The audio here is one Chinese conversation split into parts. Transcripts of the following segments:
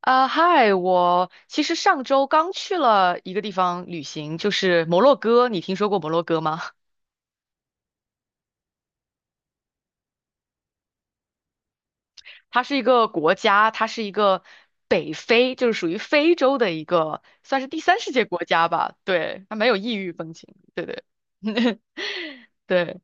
啊，嗨，我其实上周刚去了一个地方旅行，就是摩洛哥。你听说过摩洛哥吗？它是一个国家，它是一个北非，就是属于非洲的一个，算是第三世界国家吧。对，它没有异域风情。对对 对。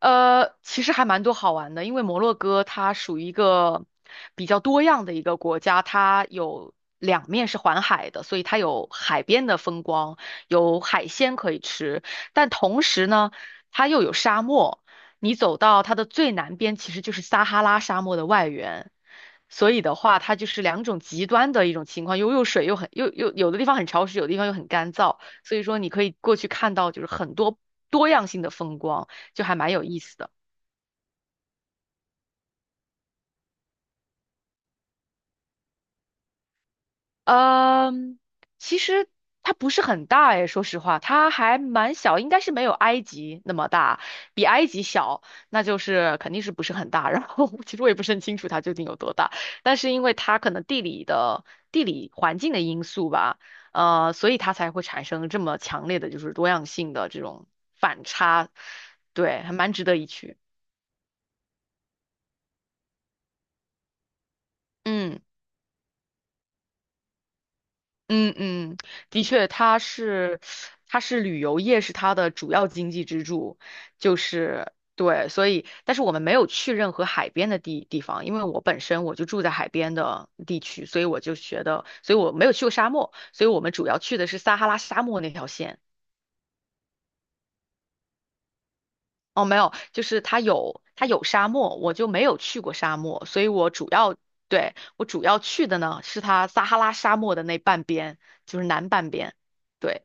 其实还蛮多好玩的，因为摩洛哥它属于一个比较多样的一个国家，它有两面是环海的，所以它有海边的风光，有海鲜可以吃，但同时呢，它又有沙漠。你走到它的最南边，其实就是撒哈拉沙漠的外缘。所以的话，它就是两种极端的一种情况，又又水又很又又有的地方很潮湿，有的地方又很干燥。所以说，你可以过去看到就是很多多样性的风光。就还蛮有意思的。嗯，其实它不是很大诶，说实话，它还蛮小，应该是没有埃及那么大，比埃及小，那就是肯定是不是很大。然后其实我也不是很清楚它究竟有多大，但是因为它可能地理环境的因素吧，所以它才会产生这么强烈的就是多样性的这种反差，对，还蛮值得一去。嗯。嗯嗯，的确，它是旅游业是它的主要经济支柱，就是对，所以，但是我们没有去任何海边的地方，因为我本身我就住在海边的地区，所以我就觉得，所以我没有去过沙漠，所以我们主要去的是撒哈拉沙漠那条线。哦，没有，就是它有沙漠，我就没有去过沙漠，所以我主要对，我主要去的呢是它撒哈拉沙漠的那半边，就是南半边。对。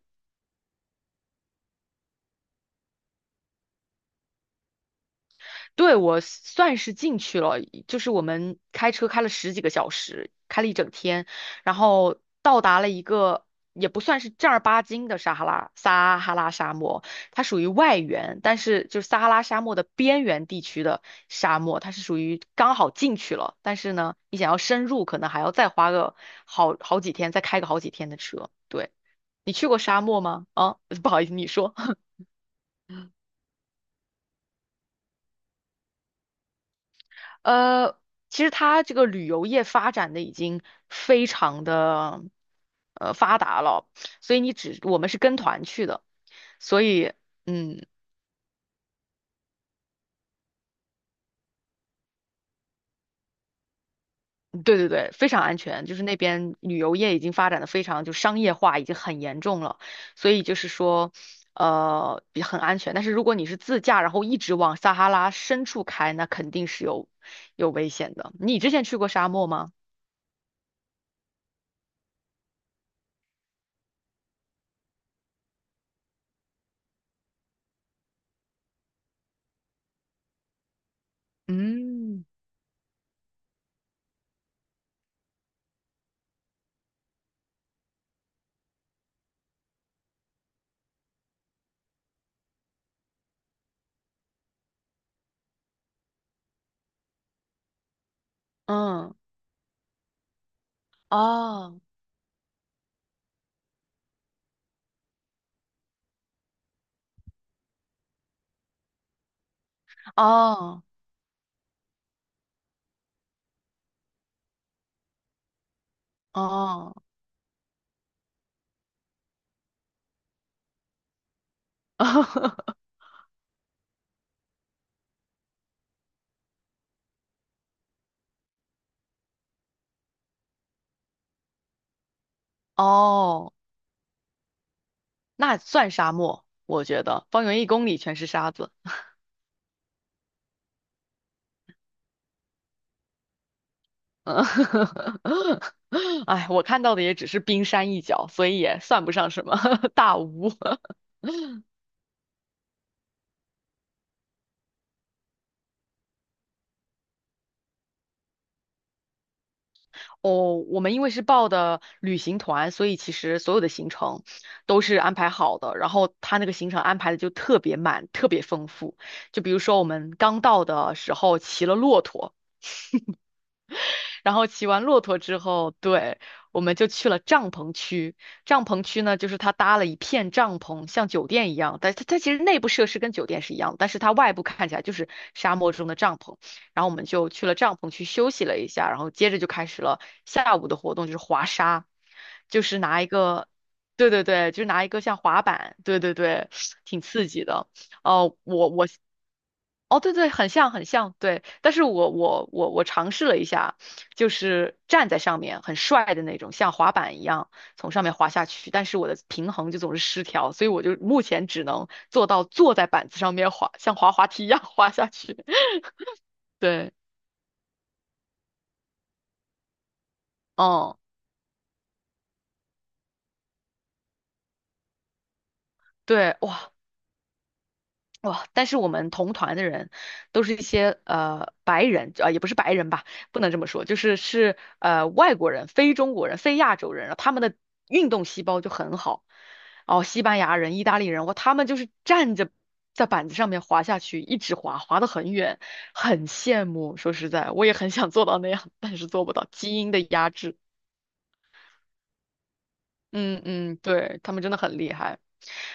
对，我算是进去了，就是我们开车开了十几个小时，开了一整天，然后到达了一个也不算是正儿八经的撒哈拉沙漠，它属于外缘，但是就是撒哈拉沙漠的边缘地区的沙漠，它是属于刚好进去了，但是呢，你想要深入，可能还要再花个好几天，再开个好几天的车。对，你去过沙漠吗？啊，不好意思，你说。呃，其实它这个旅游业发展的已经非常的发达了，所以你只我们是跟团去的，所以嗯，对对对，非常安全。就是那边旅游业已经发展的非常就商业化，已经很严重了，所以就是说也很安全。但是如果你是自驾，然后一直往撒哈拉深处开，那肯定是有危险的。你之前去过沙漠吗？嗯，嗯，哦，哦哦，哦，那算沙漠，我觉得方圆1公里全是沙子。嗯，哎，我看到的也只是冰山一角，所以也算不上什么 大屋。哦，我们因为是报的旅行团，所以其实所有的行程都是安排好的。然后他那个行程安排的就特别满，特别丰富。就比如说我们刚到的时候骑了骆驼。然后骑完骆驼之后，对，我们就去了帐篷区。帐篷区呢，就是它搭了一片帐篷，像酒店一样，但是它其实内部设施跟酒店是一样的，但是它外部看起来就是沙漠中的帐篷。然后我们就去了帐篷区休息了一下，然后接着就开始了下午的活动，就是滑沙，就是拿一个。对对对，就是拿一个像滑板，对对对，挺刺激的。哦、哦，对对，很像很像，对。但是我尝试了一下，就是站在上面很帅的那种，像滑板一样从上面滑下去，但是我的平衡就总是失调，所以我就目前只能做到坐在板子上面滑，像滑滑梯一样滑下去。对，嗯，对，哇，哇！但是我们同团的人都是一些白人，啊、也不是白人吧，不能这么说，就是外国人、非中国人、非亚洲人他们的运动细胞就很好。哦，西班牙人、意大利人，哇，他们就是站着在板子上面滑下去，一直滑，滑得很远，很羡慕。说实在，我也很想做到那样，但是做不到，基因的压制。嗯嗯，对，他们真的很厉害。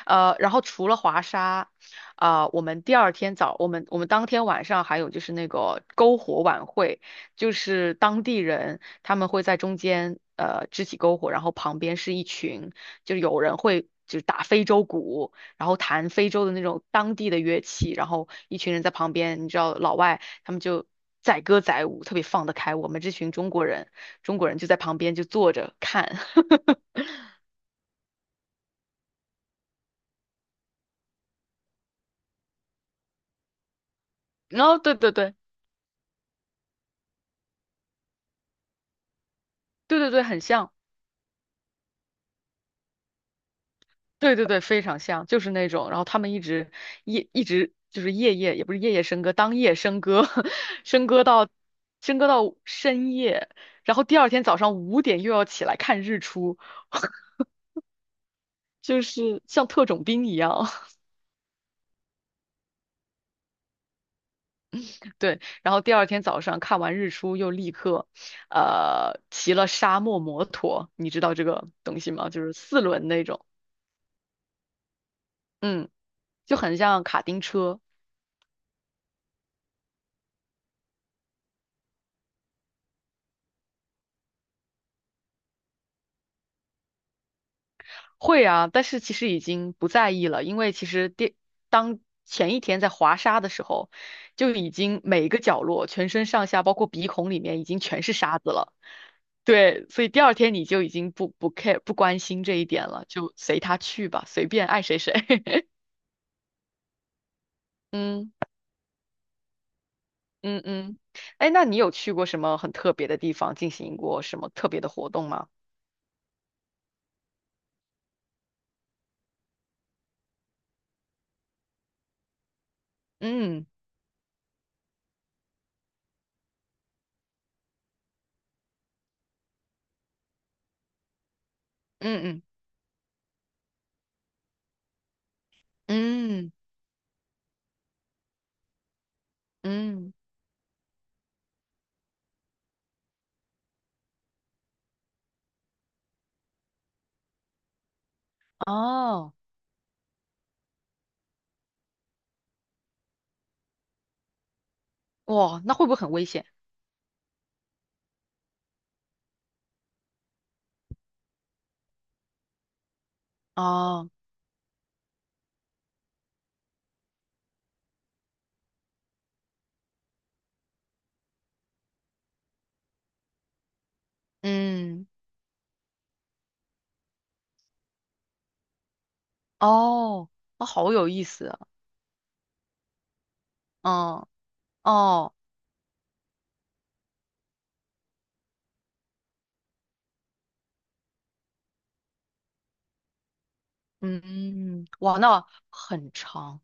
然后除了华沙，啊、我们第二天早，我们我们当天晚上还有就是那个篝火晚会，就是当地人他们会在中间支起篝火，然后旁边是一群，就是有人会就是打非洲鼓，然后弹非洲的那种当地的乐器，然后一群人在旁边，你知道老外他们就。载歌载舞，特别放得开。我们这群中国人，中国人就在旁边就坐着看。然后对对对对对对，很像，对对对，非常像，就是那种。然后他们一直就是夜夜也不是夜夜笙歌，当夜笙歌，笙歌到笙歌到深夜，然后第二天早上5点又要起来看日出，就是像特种兵一样。对，然后第二天早上看完日出又立刻，骑了沙漠摩托，你知道这个东西吗？就是四轮那种，嗯，就很像卡丁车。会啊，但是其实已经不在意了，因为其实当前一天在滑沙的时候，就已经每一个角落、全身上下，包括鼻孔里面，已经全是沙子了。对，所以第二天你就已经不 care 不关心这一点了，就随他去吧，随便爱谁谁。嗯嗯嗯，哎，那你有去过什么很特别的地方，进行过什么特别的活动吗？嗯嗯嗯嗯嗯，哦，哇，那会不会很危险？哦。嗯，哦，哦，好有意思啊，嗯，哦，嗯，哇，那很长，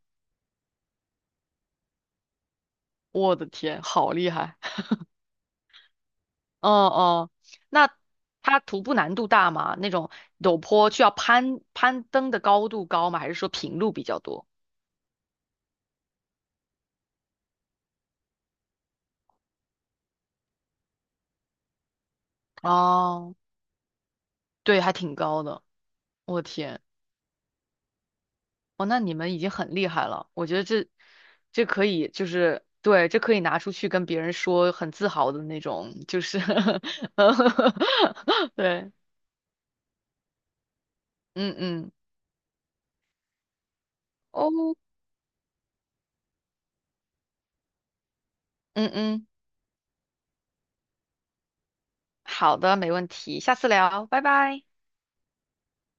我的天，好厉害，哦哦，那它徒步难度大吗？那种陡坡需要攀登的高度高吗？还是说平路比较多？哦，对，还挺高的，我的天，哦，那你们已经很厉害了，我觉得这可以就是对，这可以拿出去跟别人说，很自豪的那种，就是 对，嗯嗯，哦，嗯嗯，好的，没问题，下次聊，拜拜。